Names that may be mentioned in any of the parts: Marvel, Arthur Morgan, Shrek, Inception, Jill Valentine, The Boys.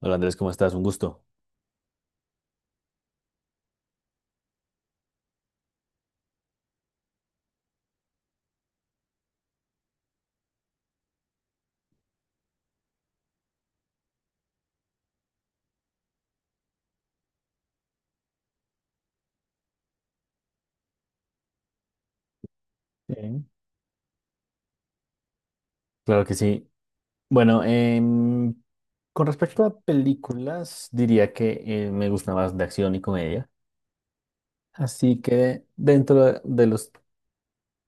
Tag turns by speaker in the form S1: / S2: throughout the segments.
S1: Hola Andrés, ¿cómo estás? Un gusto. Bien. Claro que sí. Bueno, con respecto a películas, diría que me gusta más de acción y comedia. Así que dentro de los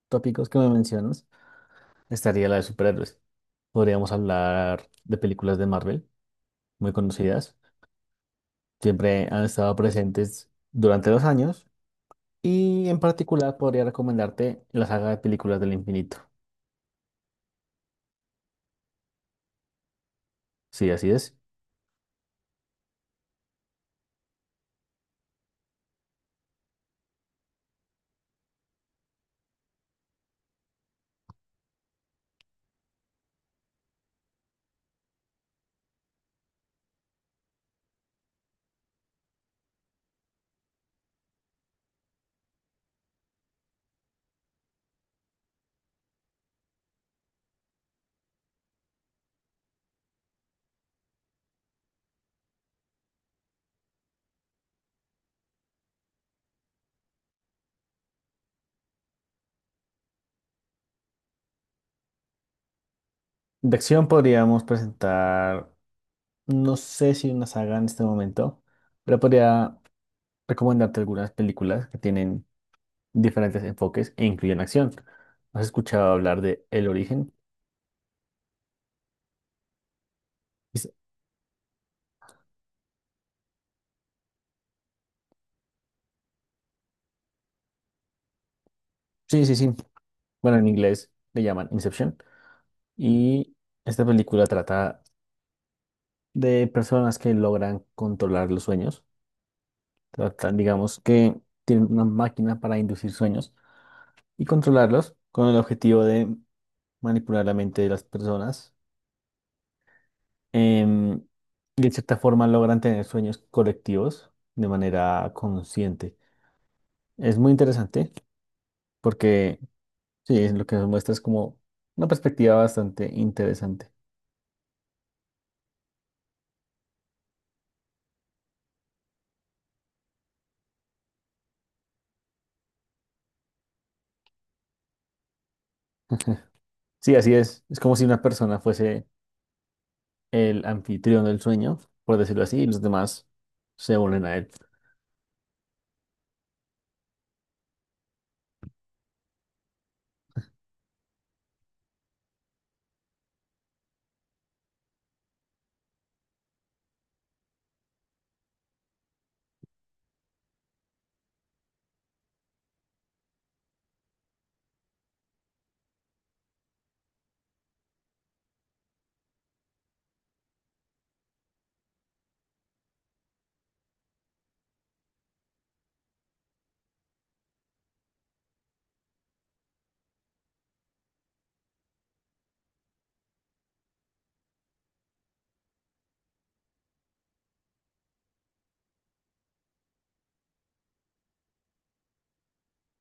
S1: tópicos que me mencionas, estaría la de superhéroes. Podríamos hablar de películas de Marvel, muy conocidas. Siempre han estado presentes durante los años. Y en particular podría recomendarte la saga de películas del infinito. Sí, así es. De acción podríamos presentar. No sé si una saga en este momento, pero podría recomendarte algunas películas que tienen diferentes enfoques e incluyen acción. ¿Has escuchado hablar de El Origen? Es- Sí, sí, sí. Bueno, en inglés le llaman Inception. Y esta película trata de personas que logran controlar los sueños. Tratan, digamos, que tienen una máquina para inducir sueños y controlarlos con el objetivo de manipular la mente de las personas, em, y de cierta forma logran tener sueños colectivos de manera consciente. Es muy interesante porque sí, es lo que nos muestra es como una perspectiva bastante interesante. Sí, así es. Es como si una persona fuese el anfitrión del sueño, por decirlo así, y los demás se unen a él.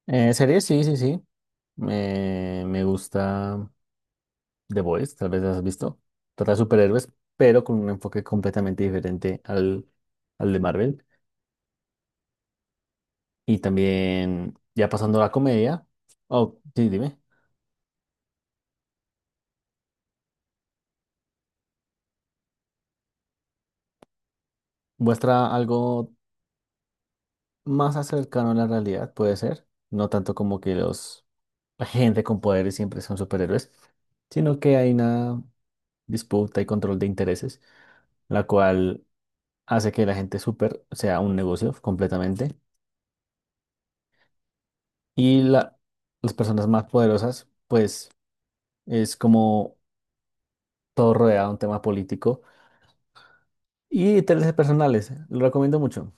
S1: Series, sí, sí, sí. Me gusta The Boys, tal vez las has visto. Trata de superhéroes, pero con un enfoque completamente diferente al de Marvel. Y también, ya pasando a la comedia, oh, sí, dime, muestra algo más cercano a la realidad, puede ser, no tanto como que la gente con poderes siempre son superhéroes, sino que hay una disputa y control de intereses, la cual hace que la gente super sea un negocio completamente, y la, las personas más poderosas, pues es como todo rodeado de un tema político y intereses personales, lo recomiendo mucho.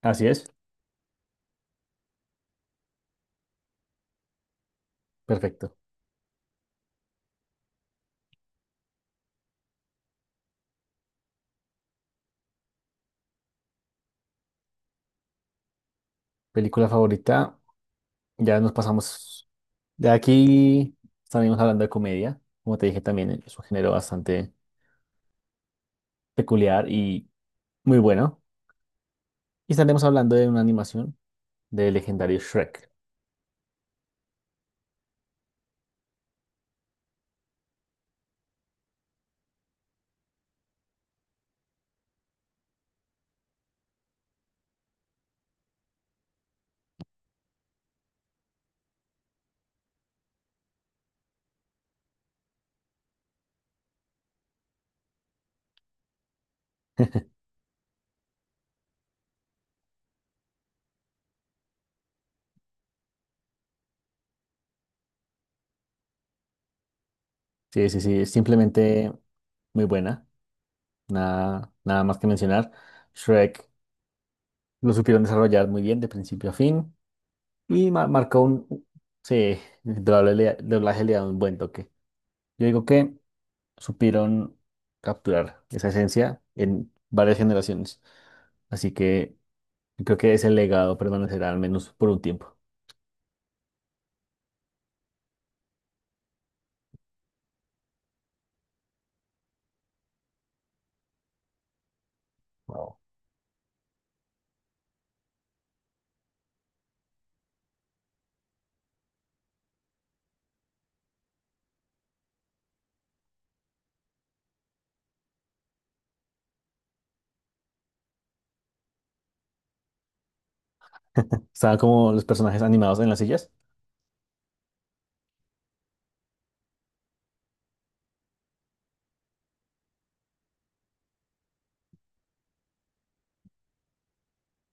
S1: Así es, perfecto. Película favorita, ya nos pasamos de aquí, estaremos hablando de comedia, como te dije también es un género bastante peculiar y muy bueno. Y estaremos hablando de una animación del legendario Shrek. Sí, sí, sí, es simplemente muy buena, nada, nada más que mencionar. Shrek lo supieron desarrollar muy bien de principio a fin y marcó un, sí, el doblaje le da un buen toque. Yo digo que supieron capturar esa esencia en varias generaciones. Así que creo que ese legado permanecerá al menos por un tiempo. Wow. Estaban como los personajes animados en las sillas.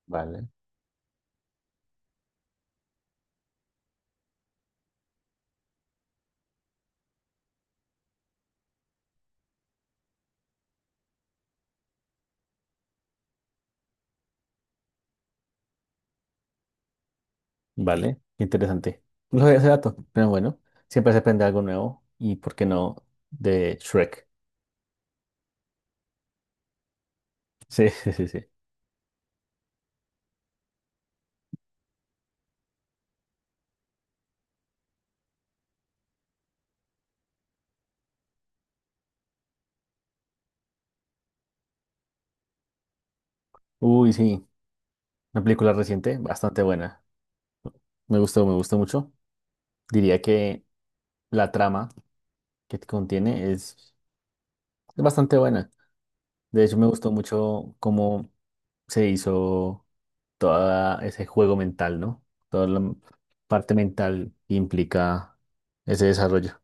S1: Vale. Vale, qué interesante. No sabía ese dato, pero bueno, siempre se aprende algo nuevo y, ¿por qué no?, de Shrek. Sí, sí, sí, sí. Uy, sí, una película reciente, bastante buena. Me gustó mucho. Diría que la trama que contiene es bastante buena. De hecho, me gustó mucho cómo se hizo todo ese juego mental, ¿no? Toda la parte mental que implica ese desarrollo.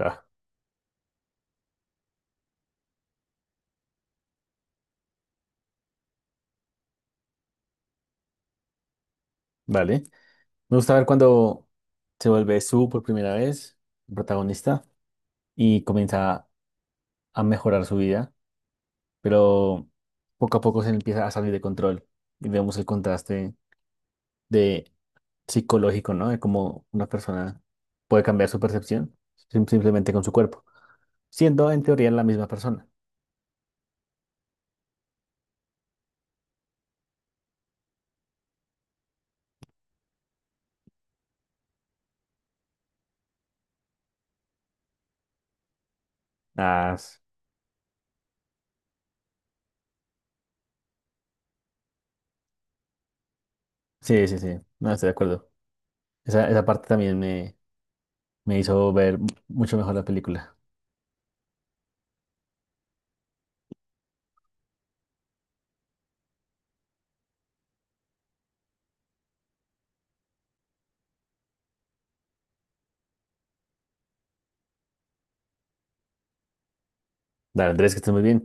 S1: Ah, vale. Me gusta ver cuando se vuelve Su por primera vez, el protagonista, y comienza a mejorar su vida, pero poco a poco se empieza a salir de control y vemos el contraste de psicológico, ¿no? De cómo una persona puede cambiar su percepción simplemente con su cuerpo, siendo en teoría la misma persona. Ah, s- sí, sí, sí, no estoy de acuerdo. Esa parte también me hizo ver mucho mejor la película. Dale, Andrés, que estés muy bien.